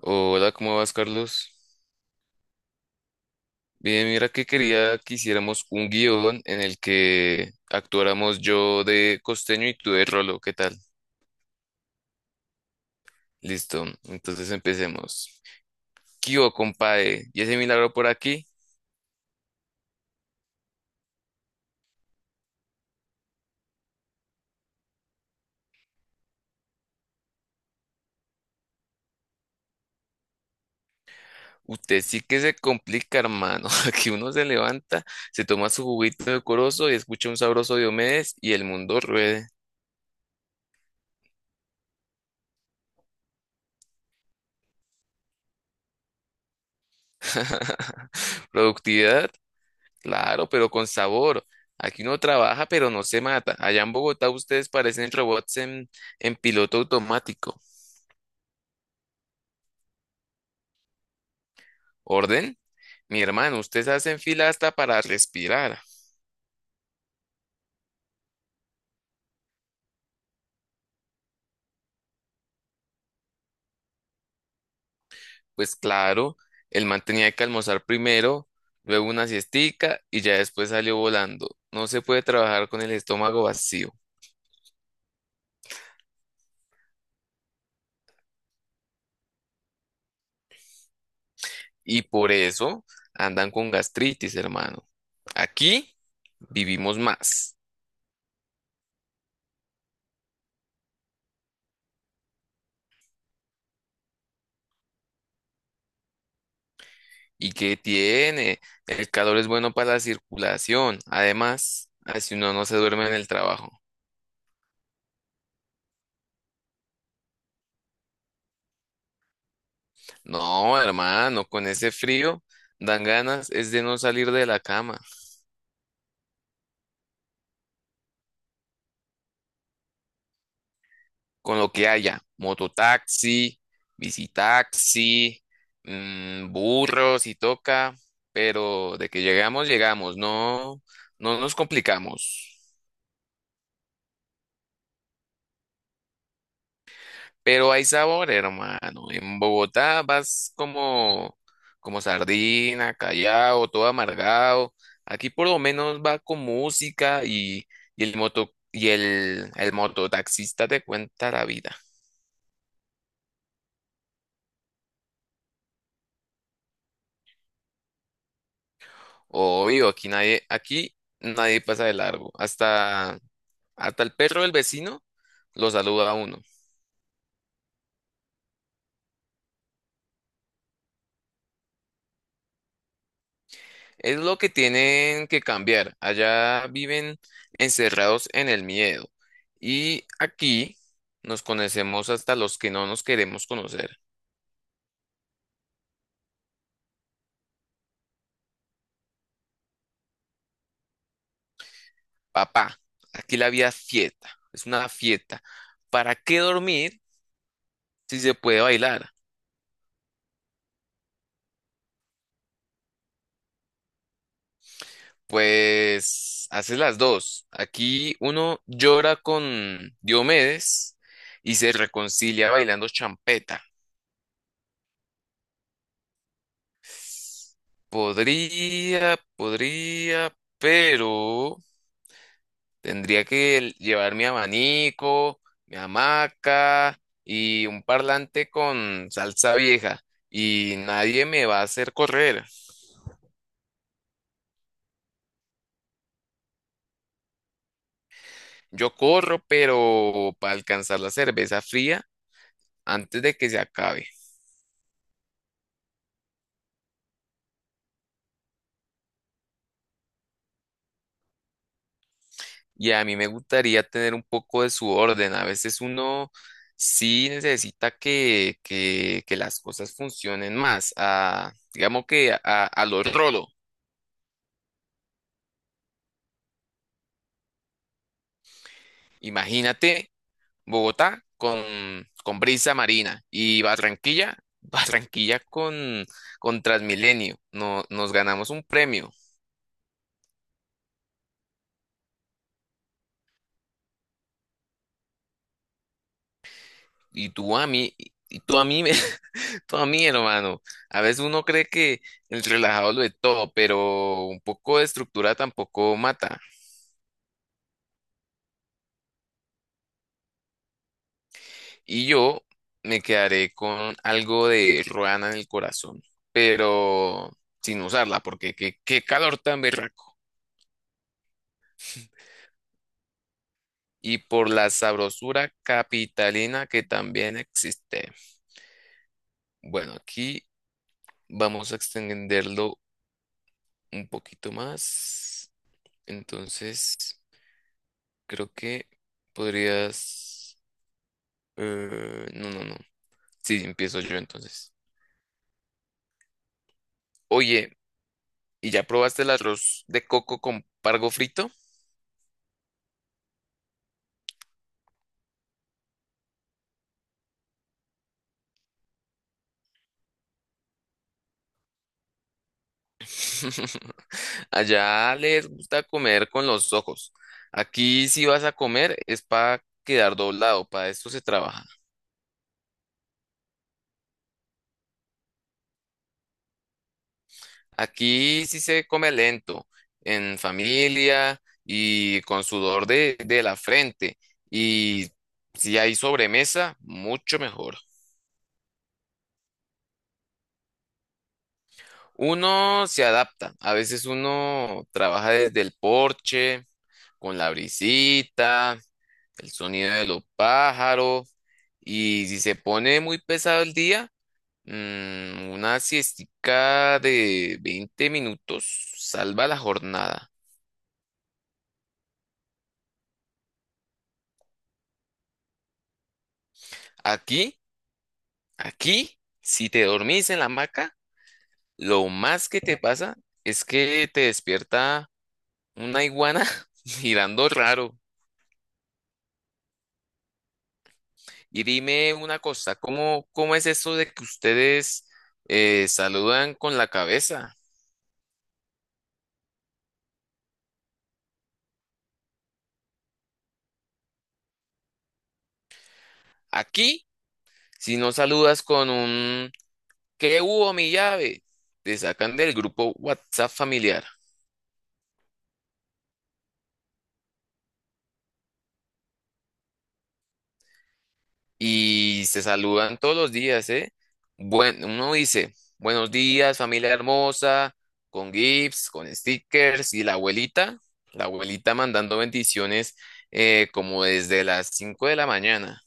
Hola, ¿cómo vas, Carlos? Bien, mira que quería que hiciéramos un guión en el que actuáramos yo de costeño y tú de Rolo, ¿qué tal? Listo, entonces empecemos. Kio, compadre, ¿y ese milagro por aquí? Usted sí que se complica, hermano. Aquí uno se levanta, se toma su juguito de corozo y escucha un sabroso Diomedes y el mundo ruede. Productividad, claro, pero con sabor. Aquí uno trabaja, pero no se mata. Allá en Bogotá ustedes parecen robots en, piloto automático. ¿Orden? Mi hermano, ustedes hacen fila hasta para respirar. Pues claro, el man tenía que almorzar primero, luego una siestica y ya después salió volando. No se puede trabajar con el estómago vacío. Y por eso andan con gastritis, hermano. Aquí vivimos más. ¿Y qué tiene? El calor es bueno para la circulación. Además, así uno no se duerme en el trabajo. No, hermano, con ese frío dan ganas es de no salir de la cama. Con lo que haya: mototaxi, bicitaxi, mm, burros si toca, pero de que llegamos, llegamos. No, no nos complicamos. Pero hay sabor, hermano. En Bogotá vas como, sardina, callado, todo amargado. Aquí por lo menos va con música y, el moto y el, mototaxista te cuenta la vida. Obvio, aquí nadie pasa de largo. Hasta, el perro del vecino lo saluda a uno. Es lo que tienen que cambiar. Allá viven encerrados en el miedo. Y aquí nos conocemos hasta los que no nos queremos conocer. Papá, aquí la vida es fiesta. Es una fiesta. ¿Para qué dormir si se puede bailar? Pues haces las dos. Aquí uno llora con Diomedes y se reconcilia bailando champeta. Podría, pero… tendría que llevar mi abanico, mi hamaca y un parlante con salsa vieja. Y nadie me va a hacer correr. Yo corro, pero para alcanzar la cerveza fría antes de que se acabe. Y a mí me gustaría tener un poco de su orden. A veces uno sí necesita que las cosas funcionen más. Digamos que a lo rolo. Imagínate. Bogotá con, Brisa Marina y Barranquilla, Barranquilla con, Transmilenio. No, nos ganamos un premio. Y tú a mí, y tú a mí, me- tú a mí, hermano. A veces uno cree que el relajado lo de todo, pero un poco de estructura tampoco mata. Y yo me quedaré con algo de ruana en el corazón, pero sin usarla, porque qué, calor tan berraco. Y por la sabrosura capitalina que también existe. Bueno, aquí vamos a extenderlo un poquito más. Entonces, creo que podrías… no, no, no. Sí, empiezo yo entonces. Oye, ¿y ya probaste el arroz de coco con pargo frito? Allá les gusta comer con los ojos. Aquí si vas a comer es para quedar doblado, para esto se trabaja. Aquí sí se come lento, en familia y con sudor de, la frente. Y si hay sobremesa, mucho mejor. Uno se adapta. A veces uno trabaja desde el porche, con la brisita, el sonido de los pájaros. Y si se pone muy pesado el día, mm, una siestica de 20 minutos salva la jornada. Aquí. Aquí, si te dormís en la hamaca, lo más que te pasa es que te despierta una iguana girando raro. Y dime una cosa, ¿cómo, es eso de que ustedes saludan con la cabeza? Aquí, si no saludas con un «¿qué hubo, mi llave?», te sacan del grupo WhatsApp familiar. Y se saludan todos los días, ¿eh? Bueno, uno dice: «Buenos días, familia hermosa», con gifs, con stickers, y la abuelita, mandando bendiciones como desde las 5 de la mañana.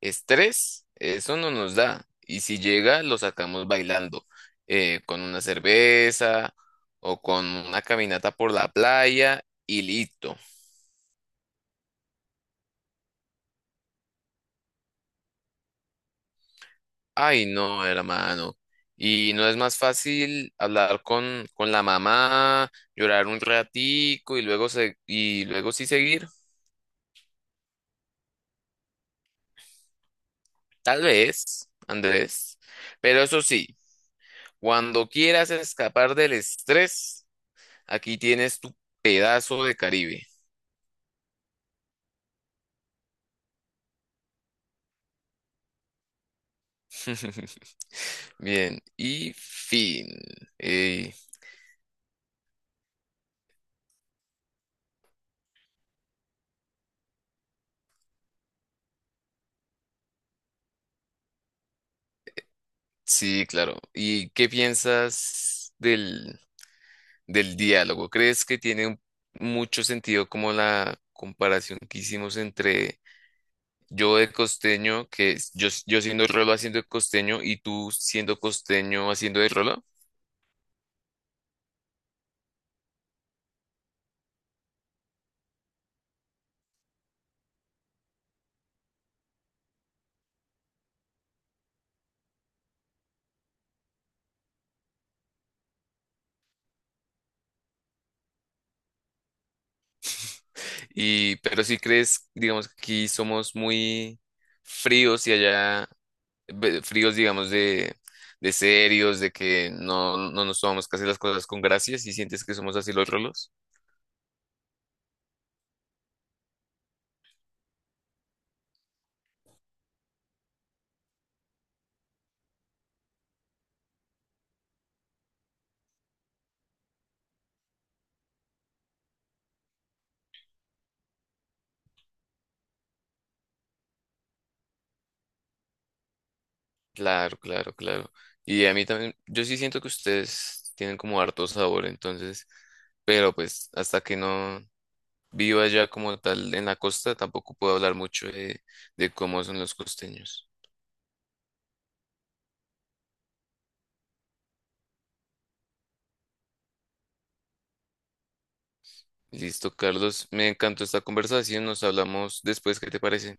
Estrés, eso no nos da. Y si llega, lo sacamos bailando, con una cerveza o con una caminata por la playa y listo. Ay, no, hermano. Y no es más fácil hablar con, la mamá, llorar un ratico y luego sí seguir. Tal vez, Andrés. Pero eso sí, cuando quieras escapar del estrés, aquí tienes tu pedazo de Caribe. Bien, y fin. Eh, sí, claro. ¿Y qué piensas del, diálogo? ¿Crees que tiene mucho sentido, como la comparación que hicimos entre yo de costeño, yo siendo rolo haciendo de costeño y tú siendo costeño haciendo de rolo? Y, pero si crees, digamos, que aquí somos muy fríos y allá fríos, digamos, de, serios, de que no, nos tomamos casi las cosas con gracias y sientes que somos así los rolos. Claro, claro, claro. Y a mí también, yo sí siento que ustedes tienen como harto sabor, entonces, pero pues hasta que no viva ya como tal en la costa, tampoco puedo hablar mucho de, cómo son los costeños. Listo, Carlos, me encantó esta conversación, nos hablamos después, ¿qué te parece?